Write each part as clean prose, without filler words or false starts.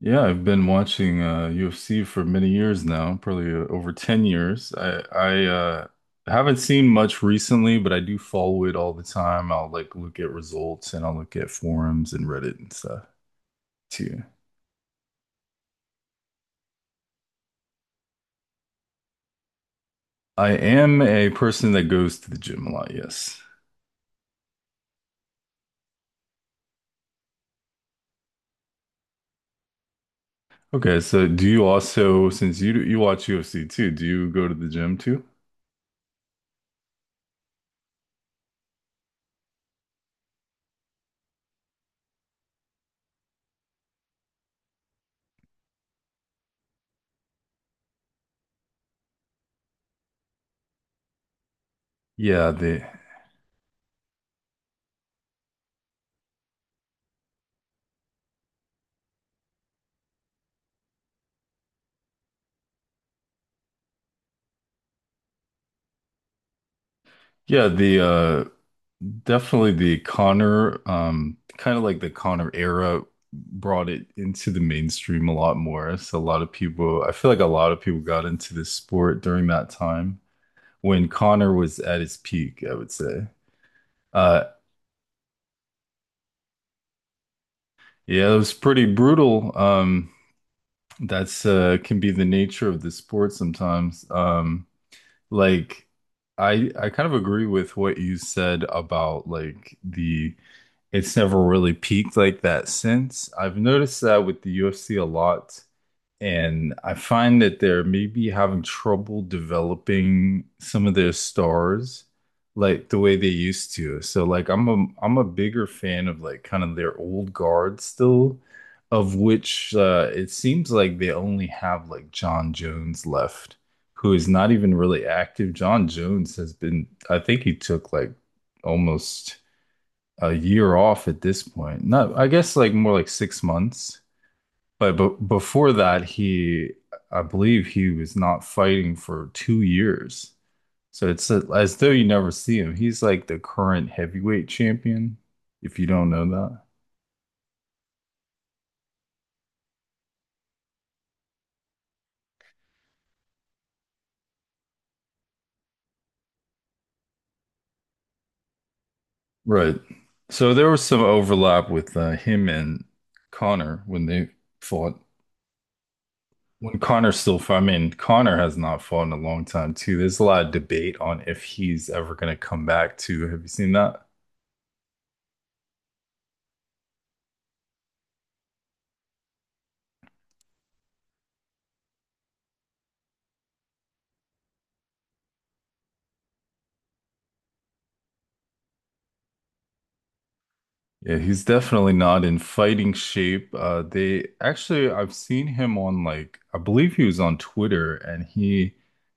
Yeah, I've been watching UFC for many years now, probably over 10 years. I Haven't seen much recently, but I do follow it all the time. I'll like look at results and I'll look at forums and Reddit and stuff too. I am a person that goes to the gym a lot, yes. Okay, so do you also, since you watch UFC too, do you go to the gym too? Yeah, the yeah, the Definitely the Connor, kind of like the Connor era brought it into the mainstream a lot more. So a lot of people, I feel like a lot of people got into this sport during that time when Connor was at his peak, I would say. Uh, yeah, it was pretty brutal. That's can be the nature of the sport sometimes. Like I kind of agree with what you said about like the it's never really peaked like that since. I've noticed that with the UFC a lot, and I find that they're maybe having trouble developing some of their stars like the way they used to. So like I'm a bigger fan of like kind of their old guard still, of which it seems like they only have like John Jones left, who is not even really active. John Jones has been, I think he took like almost a year off at this point. Not, I guess like more like 6 months. But before that, I believe he was not fighting for 2 years. So it's as though you never see him. He's like the current heavyweight champion, if you don't know that. Right. So there was some overlap with him and Connor when they fought. When Connor still fought, I mean, Connor has not fought in a long time too. There's a lot of debate on if he's ever going to come back too. Have you seen that? Yeah, he's definitely not in fighting shape. I've seen him on like, I believe he was on Twitter and he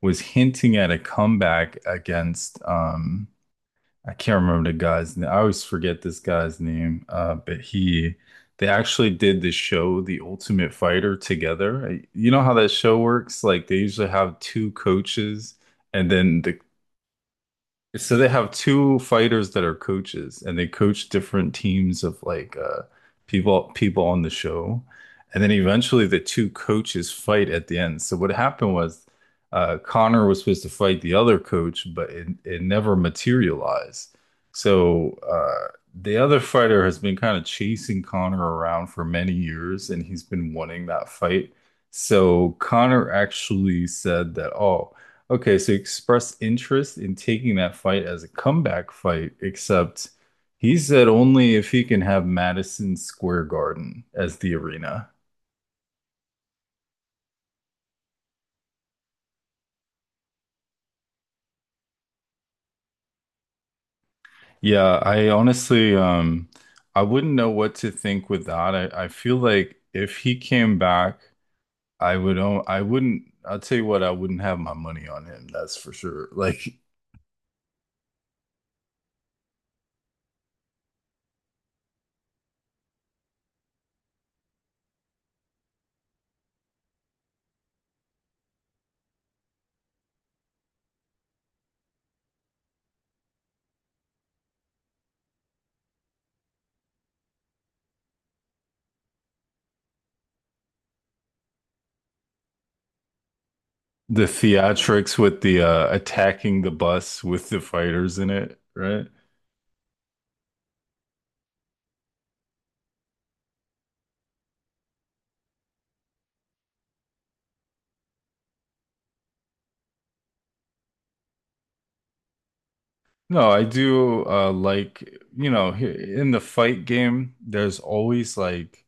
was hinting at a comeback against, I can't remember the guy's name. I always forget this guy's name. They actually did the show, The Ultimate Fighter, together. You know how that show works? Like, they usually have two coaches and then they have two fighters that are coaches, and they coach different teams of like people on the show, and then eventually the two coaches fight at the end. So what happened was Connor was supposed to fight the other coach, but it never materialized. So the other fighter has been kind of chasing Connor around for many years, and he's been wanting that fight. So Connor actually said that, oh. Okay, so he expressed interest in taking that fight as a comeback fight, except he said only if he can have Madison Square Garden as the arena. Yeah, I honestly, I wouldn't know what to think with that. I feel like if he came back, I would, o- I wouldn't, I'll tell you what, I wouldn't have my money on him, that's for sure. Like the theatrics with the attacking the bus with the fighters in it, right? No, I do like you know he- in the fight game there's always like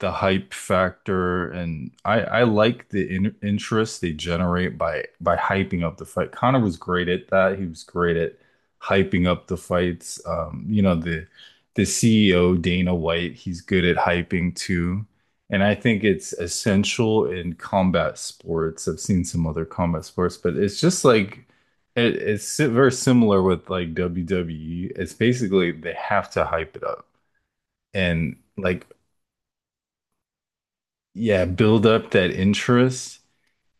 the hype factor and I like the in interest they generate by hyping up the fight. Connor was great at that. He was great at hyping up the fights. You know the CEO Dana White, he's good at hyping too. And I think it's essential in combat sports. I've seen some other combat sports, but it's just like very similar with like WWE. It's basically they have to hype it up and like yeah, build up that interest.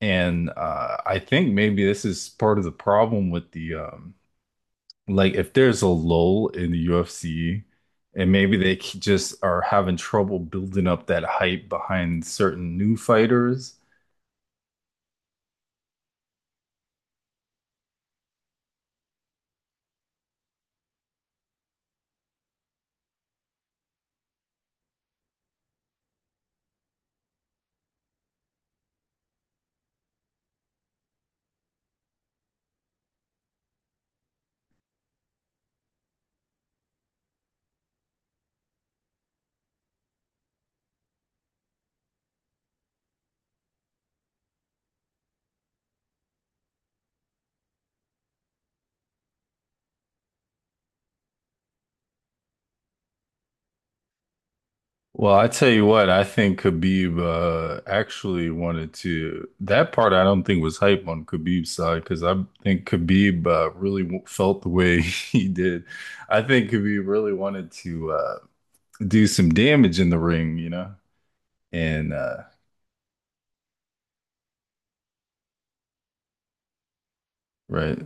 And I think maybe this is part of the problem with the if there's a lull in the UFC, and maybe they just are having trouble building up that hype behind certain new fighters. Well, I tell you what, I think Khabib actually wanted to. That part I don't think was hype on Khabib's side because I think Khabib really w felt the way he did. I think Khabib really wanted to do some damage in the ring, you know, and right.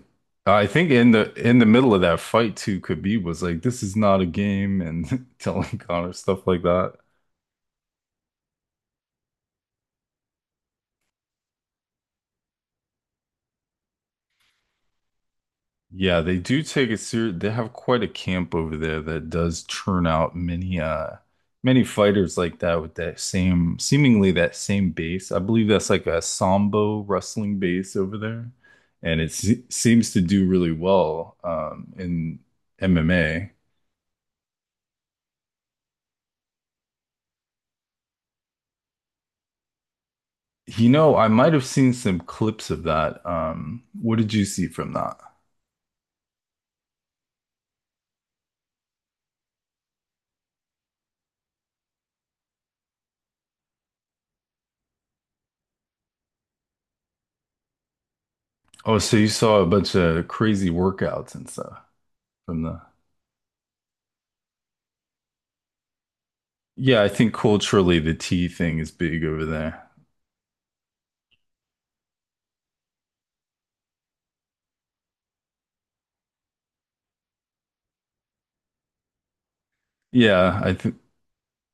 I think in the middle of that fight too, Khabib was like, "This is not a game," and telling Connor stuff like that. Yeah, they do take it serious. They have quite a camp over there that does churn out many many fighters like that with that same seemingly that same base. I believe that's like a Sambo wrestling base over there, and it se seems to do really well in MMA. You know, I might have seen some clips of that. What did you see from that? Oh, so you saw a bunch of crazy workouts and stuff from the yeah, I think culturally the tea thing is big over there. Yeah, I think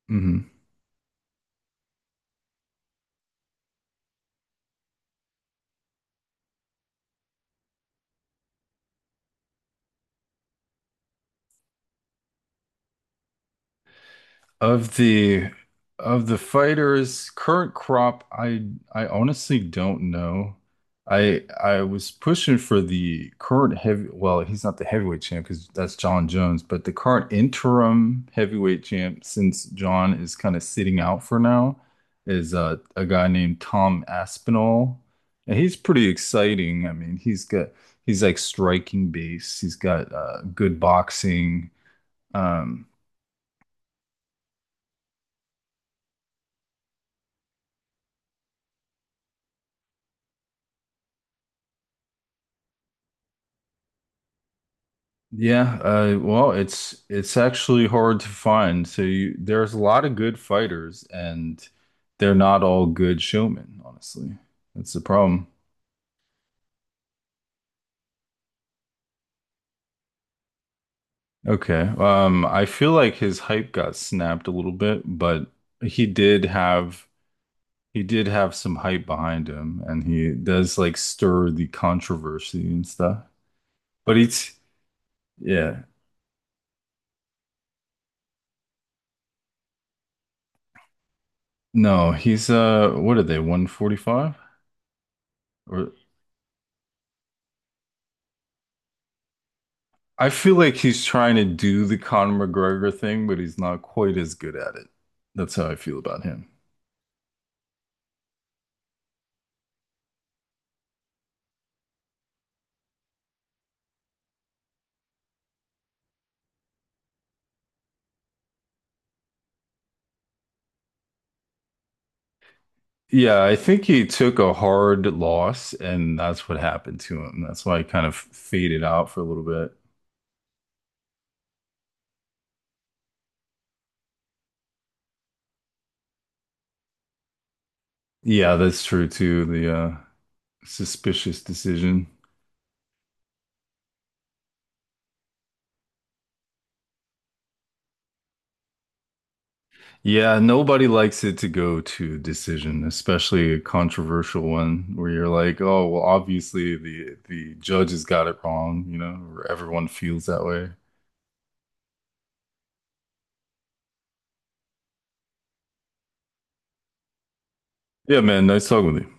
mhm. of the of the fighters current crop, I honestly don't know. I was pushing for the current heavy. Well, he's not the heavyweight champ because that's John Jones, but the current interim heavyweight champ, since John is kind of sitting out for now, is a guy named Tom Aspinall, and he's pretty exciting. I mean, he's like striking base. He's got good boxing. Um, Yeah, well, it's actually hard to find. So there's a lot of good fighters, and they're not all good showmen, honestly. That's the problem. Okay, I feel like his hype got snapped a little bit, but he did have he did have some hype behind him, and he does like stir the controversy and stuff. But he's yeah, no, he's what are they, 145? Or I feel like he's trying to do the Conor McGregor thing, but he's not quite as good at it. That's how I feel about him. Yeah, I think he took a hard loss, and that's what happened to him. That's why he kind of faded out for a little bit. Yeah, that's true too. The suspicious decision. Yeah, nobody likes it to go to decision, especially a controversial one where you're like, oh, well, obviously the judges got it wrong, you know, or everyone feels that way. Yeah, man, nice talking with you.